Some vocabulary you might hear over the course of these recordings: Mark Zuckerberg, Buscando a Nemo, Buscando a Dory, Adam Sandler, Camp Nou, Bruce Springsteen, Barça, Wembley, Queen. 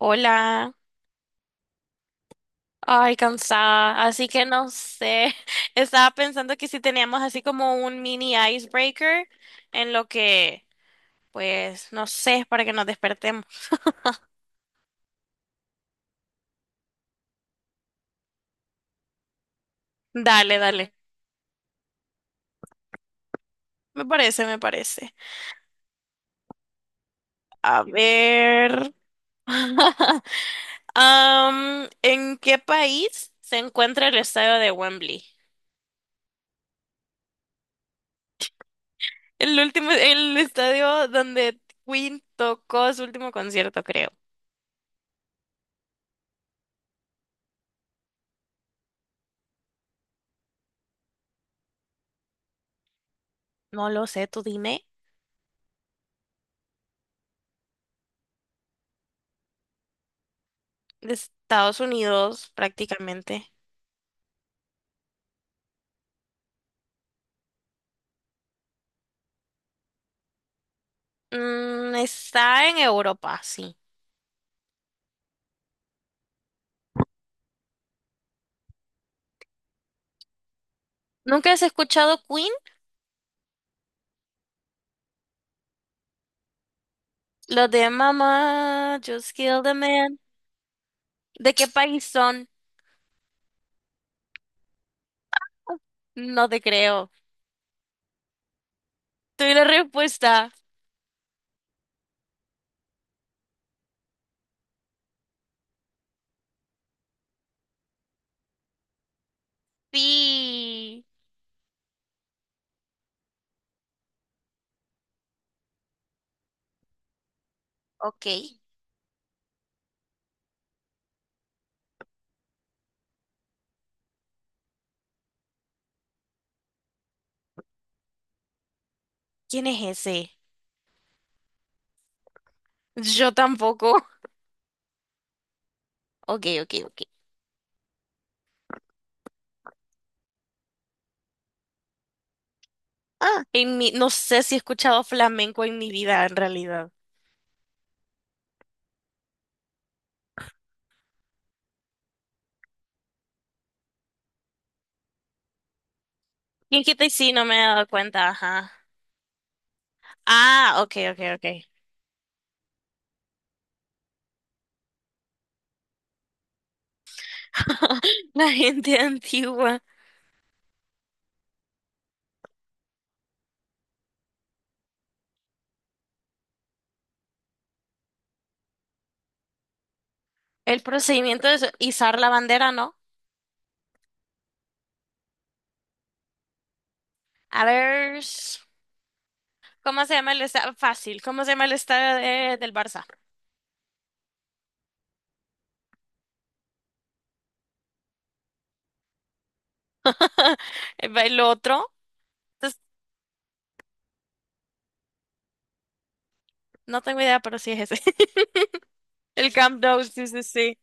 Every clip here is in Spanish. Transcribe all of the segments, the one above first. Hola, ay, cansada, así que no sé, estaba pensando que si teníamos así como un mini icebreaker en lo que, pues, no sé, para que nos despertemos. Dale, dale, me parece, me parece. A ver, ¿en qué país se encuentra el estadio de Wembley? El último, el estadio donde Queen tocó su último concierto, creo. No lo sé, tú dime. De Estados Unidos prácticamente. Está en Europa, sí. ¿Nunca has escuchado Queen? Los de Mama, Just Kill the Man. ¿De qué país son? No te creo. Tuve la respuesta. Sí. Ok. ¿Quién es ese? Yo tampoco. Ok, ok, ok. Ah, no sé si he escuchado flamenco en mi vida, en realidad. ¿Quién quita y sí? No me he dado cuenta, ajá. Ah, ok, ok, ok. La gente antigua. El procedimiento es izar la bandera, ¿no? A ver, s- ¿Cómo se llama el estadio? Fácil, ¿cómo se llama del Barça? El otro, entonces, no tengo idea, pero sí es ese. El Camp Nou, sí, sí, sí.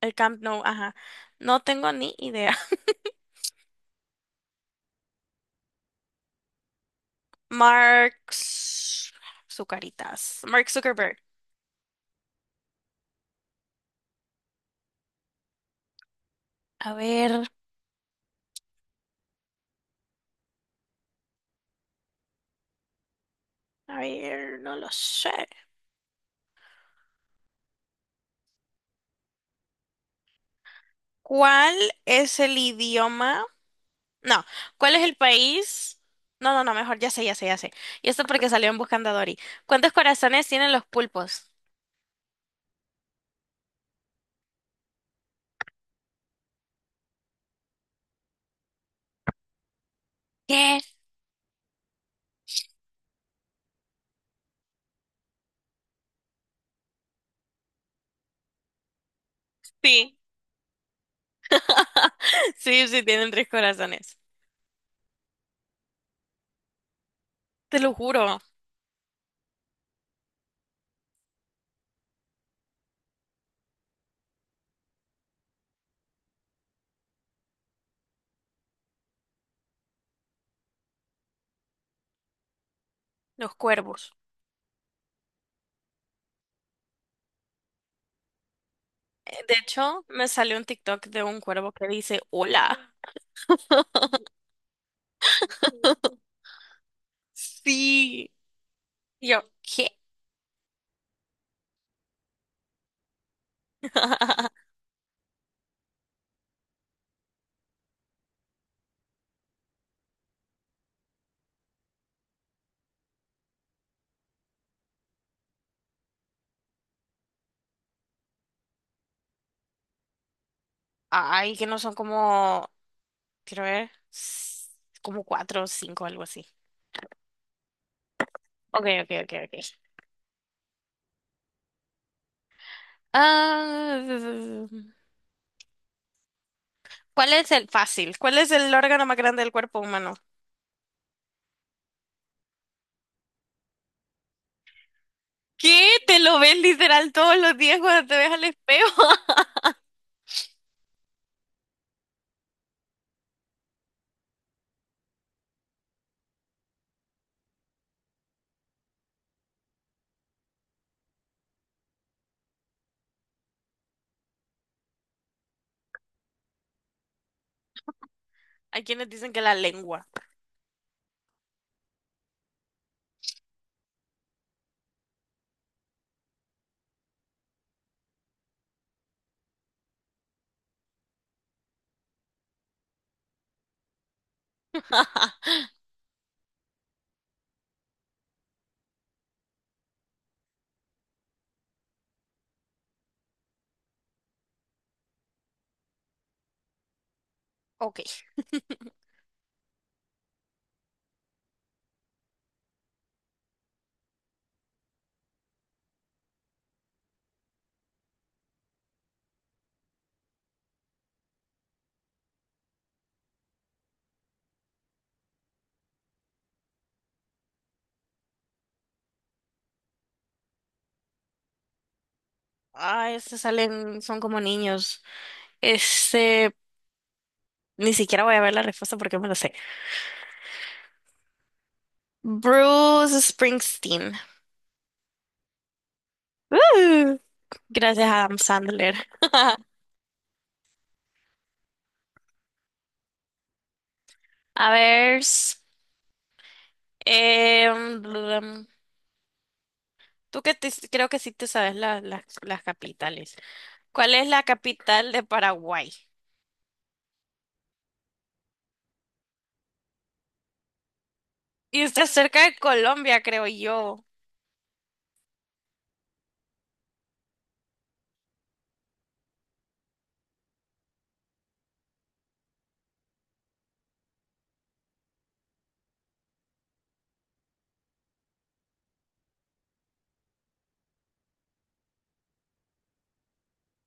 El Camp Nou, ajá. No tengo ni idea. Mark Z- Zucaritas. Mark Zuckerberg. A ver, a ver, no lo sé. ¿Cuál es el idioma? No, ¿cuál es el país? No, no, no, mejor ya sé, ya sé, ya sé. Y esto porque salió en Buscando a Dory. ¿Cuántos corazones tienen los pulpos? ¿Qué? Sí. Sí, sí, tienen tres corazones. Te lo juro, los cuervos. De hecho, me salió un TikTok de un cuervo que dice, hola. Sí. Y yo, ¿qué? Ay, que no son como, quiero ver, como cuatro o cinco, algo así. Ok, ok, ok, ok. Ah, ¿cuál es el fácil? ¿Cuál es el órgano más grande del cuerpo humano? ¿Qué? Te lo ves literal todos los días cuando te ves al espejo. Hay quienes dicen que la lengua. Ok. Ah, estos salen, son como niños. Este, ni siquiera voy a ver la respuesta porque me lo sé. Bruce Springsteen. Uh, Gracias a Adam Sandler. A ver, blum. Tú creo que sí te sabes las capitales. ¿Cuál es la capital de Paraguay? Y está cerca de Colombia, creo yo.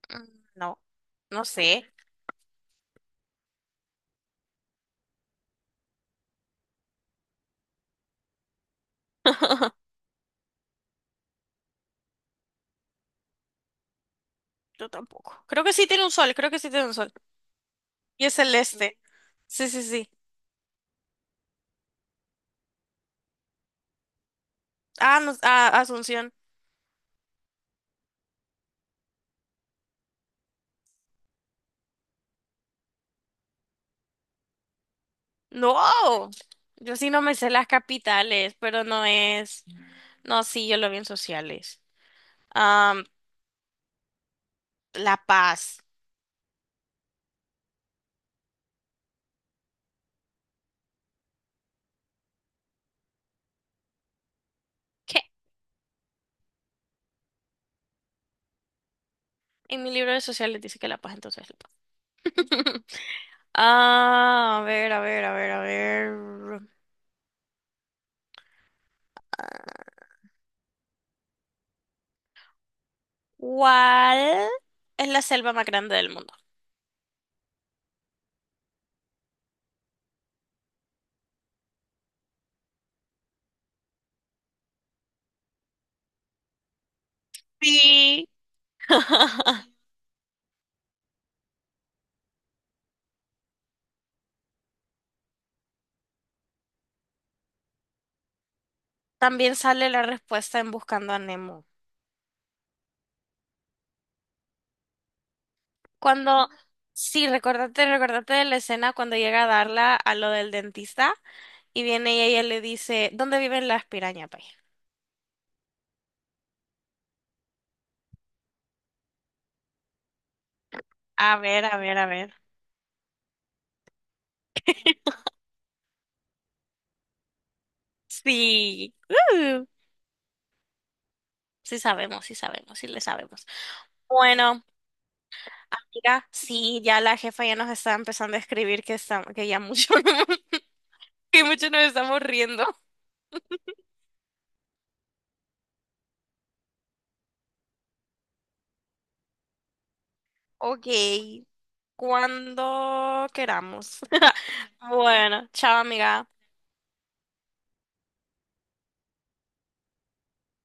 Mm, No, no sé. Yo tampoco. Creo que sí tiene un sol, creo que sí tiene un sol. Y es celeste. Sí, sí, sí. Ah, no, ah, Asunción. No, yo sí no me sé las capitales, pero no es. No, sí, yo lo vi en sociales. Am, La Paz. ¿Qué? En mi libro de sociales dice que La Paz, entonces La Paz. Ah, a ver, a ver, a ver, a ver. ¿Cuál es la selva más grande del mundo? Sí. También sale la respuesta en Buscando a Nemo. Cuando, sí, recordate, recordate de la escena cuando llega a darla a lo del dentista, y viene ella y ella le dice, ¿dónde viven las pirañas, pues? A ver, a ver, a ver. Sí. Uh, sí sabemos, sí sabemos, sí le sabemos. Bueno, mira, sí, ya la jefa ya nos está empezando a escribir que está, que ya mucho, que mucho nos estamos riendo. Ok, cuando queramos. Bueno, chao amiga.